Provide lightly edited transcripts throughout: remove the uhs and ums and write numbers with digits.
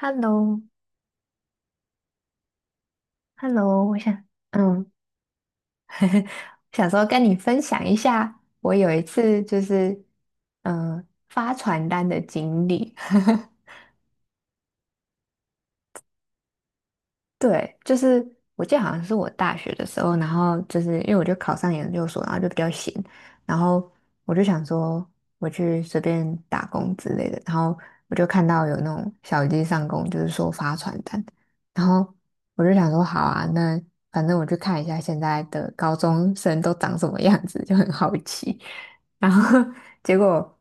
Hello,Hello,我想，嗯，想说跟你分享一下，我有一次就是，发传单的经历。对，就是我记得好像是我大学的时候，然后就是因为我就考上研究所，然后就比较闲，然后我就想说我去随便打工之类的，然后我就看到有那种小鸡上工，就是说发传单，然后我就想说好啊，那反正我去看一下现在的高中生都长什么样子，就很好奇，然后 结果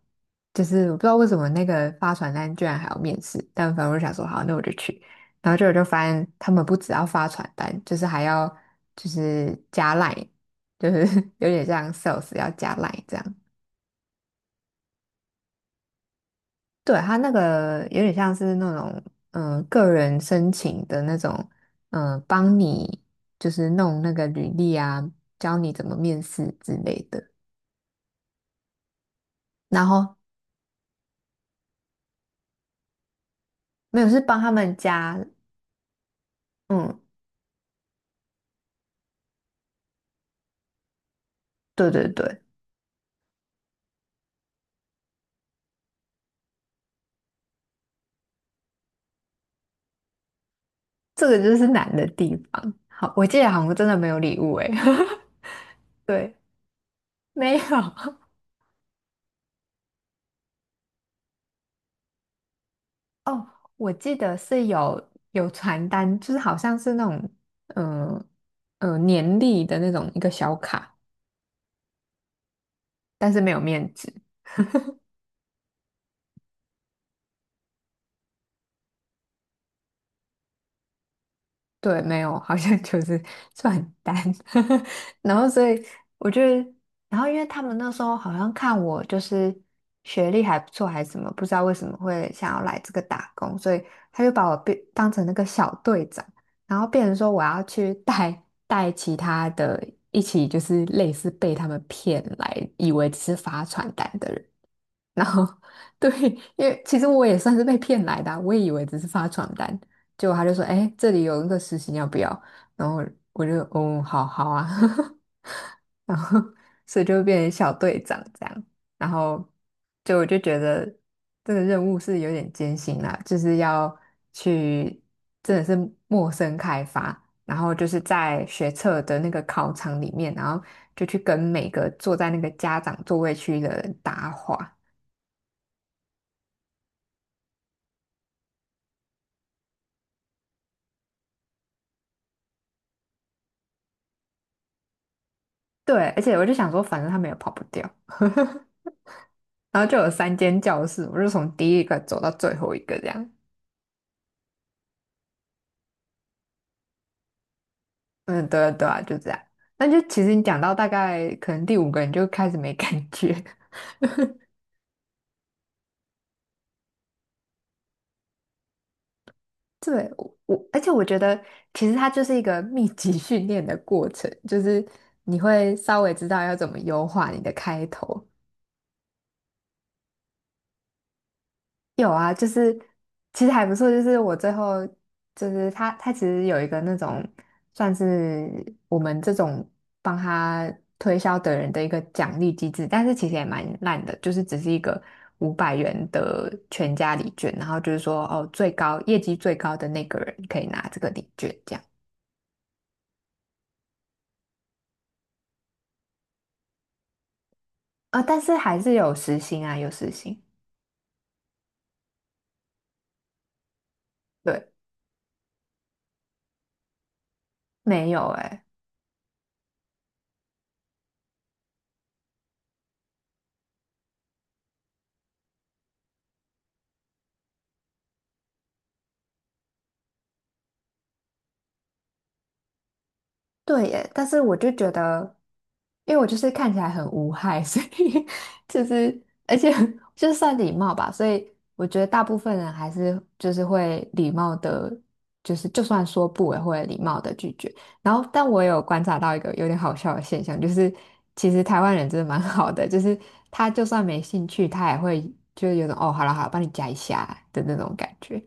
就是我不知道为什么那个发传单居然还要面试，但反正我就想说好，那我就去。然后我就发现他们不只要发传单，就是还要就是加 line,就是 有点像 sales 要加 line 这样。对，他那个有点像是那种个人申请的那种，帮你就是弄那个履历啊，教你怎么面试之类的。然后没有是帮他们加，嗯，对对对，这个就是难的地方。好，我记得好像真的没有礼物诶，对，没有。哦，我记得是有传单，就是好像是那种，嗯、年历的那种一个小卡，但是没有面纸。对，没有，好像就是 算很淡，然后所以我觉得，然后因为他们那时候好像看我就是学历还不错还是什么，不知道为什么会想要来这个打工，所以他就把我变当成那个小队长，然后变成说我要去带其他的一起就是类似被他们骗来，以为只是发传单的人。然后 对，因为其实我也算是被骗来的啊我也以为只是发传单，结果他就说："哎，这里有一个实习，你要不要？"然后我就哦，好好啊，然后所以就变成小队长这样，然后我就觉得这个任务是有点艰辛啦，就是要去真的是陌生开发。然后就是在学测的那个考场里面，然后就去跟每个坐在那个家长座位区的人搭话，对，而且我就想说，反正他们也跑不掉，然后就有3间教室，我就从第一个走到最后一个这样。嗯，对啊对啊，就这样。那就其实你讲到大概可能第五个，你就开始没感觉。对，我而且我觉得其实它就是一个密集训练的过程，就是你会稍微知道要怎么优化你的开头，有啊，就是其实还不错，就是我最后就是他其实有一个那种算是我们这种帮他推销的人的一个奖励机制，但是其实也蛮烂的，就是只是一个500元的全家礼券，然后就是说哦，最高业绩最高的那个人可以拿这个礼券这样啊，但是还是有时薪啊，有时薪，对，没有诶、对耶，但是我就觉得，因为我就是看起来很无害，所以 就是而且就算礼貌吧，所以我觉得大部分人还是就是会礼貌的，就是就算说不也会礼貌的拒绝。然后，但我有观察到一个有点好笑的现象，就是其实台湾人真的蛮 好的，就是他就算没兴趣，他也会就是有种哦，好了好了，帮你加一下的那种感觉。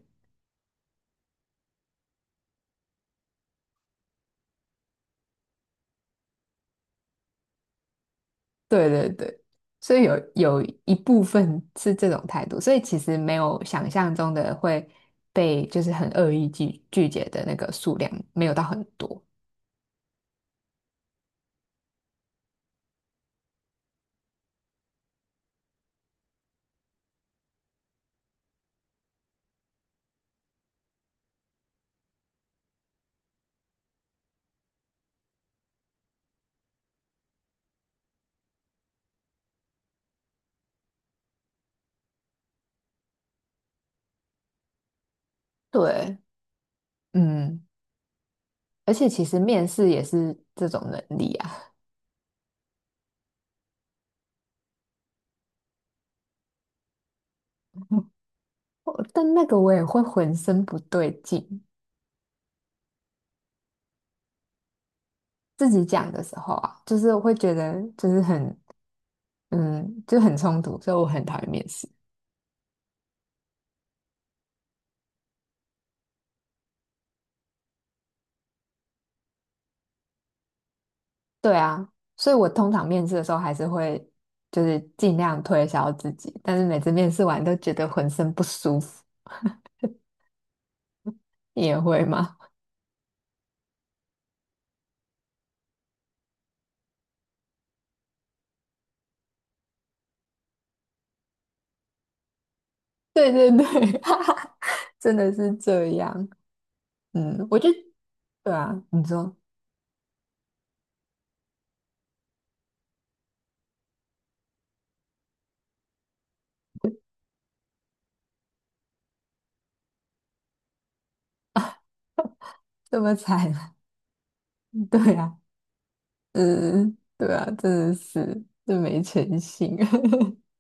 对对对，所以有一部分是这种态度，所以其实没有想象中的会被就是很恶意拒绝的那个数量没有到很多，对，嗯，而且其实面试也是这种能力啊，我但那个我也会浑身不对劲，自己讲的时候啊，就是我会觉得就是很就很冲突，所以我很讨厌面试。对啊，所以我通常面试的时候还是会就是尽量推销自己，但是每次面试完都觉得浑身不舒服。你也会吗？对对对，哈哈，真的是这样。嗯，我就对啊，你说这么惨，对啊，嗯，对啊，真的是这没诚信。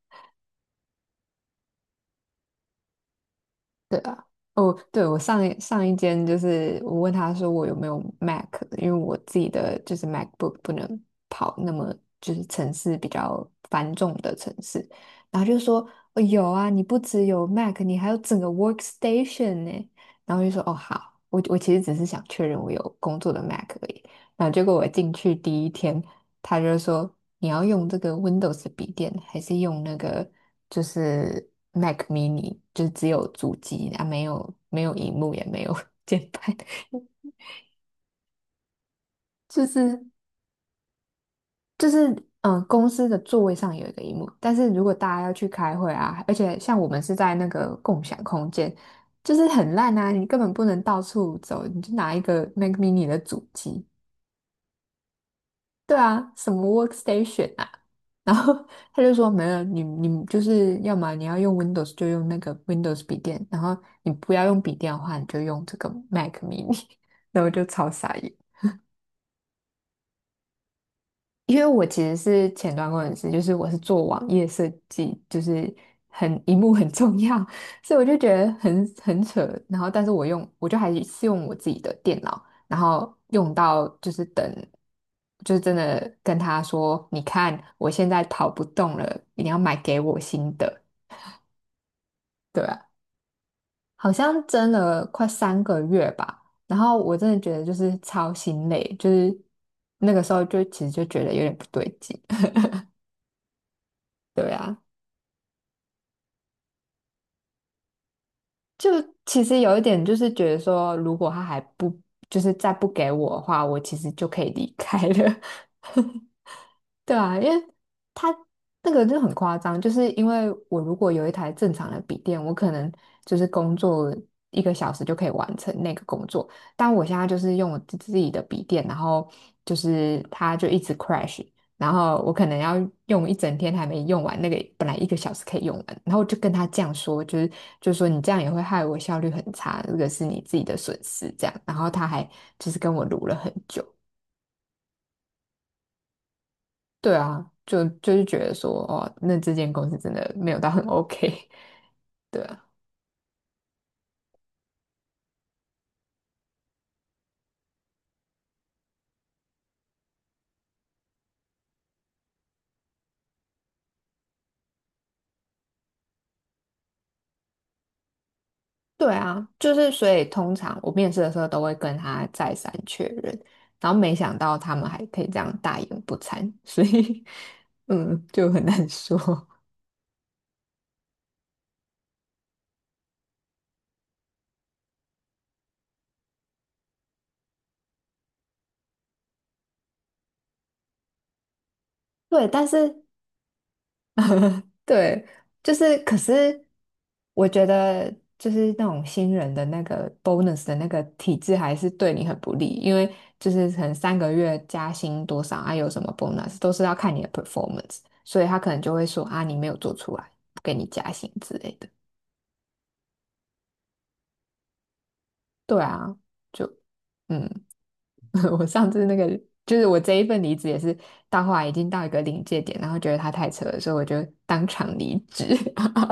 对啊，哦，对，我上一间就是我问他说我有没有 Mac,因为我自己的就是 MacBook 不能跑那么就是城市比较繁重的城市，然后就说、哦、有啊，你不只有 Mac,你还有整个 Workstation 呢。然后就说哦好，我其实只是想确认我有工作的 Mac 而已。然后结果我进去第一天，他就说。你要用这个 Windows 的笔电，还是用那个就是 Mac mini,就是只有主机啊，没有荧幕，也没有 键盘，就是就是公司的座位上有一个荧幕，但是如果大家要去开会啊，而且像我们是在那个共享空间，就是很烂啊，你根本不能到处走，你就拿一个 Mac mini 的主机，对啊，什么 workstation 啊？然后他就说没有，你就是要么你要用 Windows 就用那个 Windows 笔电，然后你不要用笔电的话，你就用这个 Mac mini。然后我就超傻眼。因为我其实是前端工程师，就是我是做网页设计，就是很一幕很重要，所以我就觉得很扯。然后，但是我还是用我自己的电脑，然后用到就是等，就是真的跟他说，你看我现在跑不动了，你要买给我新的，对啊，好像真了快三个月吧。然后我真的觉得就是超心累，就是那个时候就其实就觉得有点不对劲，对啊。就其实有一点就是觉得说，如果他还不就是再不给我的话，我其实就可以离开了。对啊，因为他那个就很夸张，就是因为我如果有1台正常的笔电，我可能就是工作一个小时就可以完成那个工作，但我现在就是用我自己的笔电，然后就是它就一直 crash,然后我可能要用一整天还没用完那个本来一个小时可以用完，然后我就跟他这样说，就是就说你这样也会害我效率很差，这个是你自己的损失这样，然后他还就是跟我撸了很久。对啊，就是觉得说，哦，那这间公司真的没有到很 OK,对啊，对啊，就是所以通常我面试的时候都会跟他再三确认，然后没想到他们还可以这样大言不惭，所以 嗯，就很难说。对，但是对，就是，可是我觉得，就是那种新人的那个 bonus 的那个体制还是对你很不利，因为就是可能三个月加薪多少啊，有什么 bonus 都是要看你的 performance,所以他可能就会说啊，你没有做出来，不给你加薪之类的。对啊，就嗯，我上次那个就是我这一份离职也是到后来已经到一个临界点，然后觉得他太扯了，所以我就当场离职。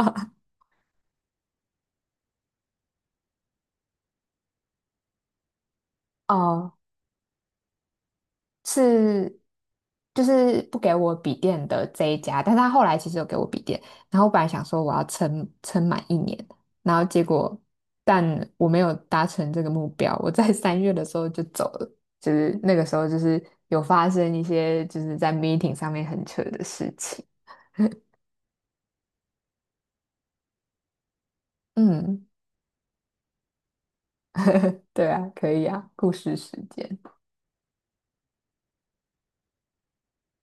哦是就是不给我笔电的这一家，但是他后来其实有给我笔电，然后我本来想说我要撑满1年，然后结果但我没有达成这个目标，我在三月的时候就走了，就是那个时候就是有发生一些就是在 meeting 上面很扯的事情，嗯，对啊，可以啊，故事时间。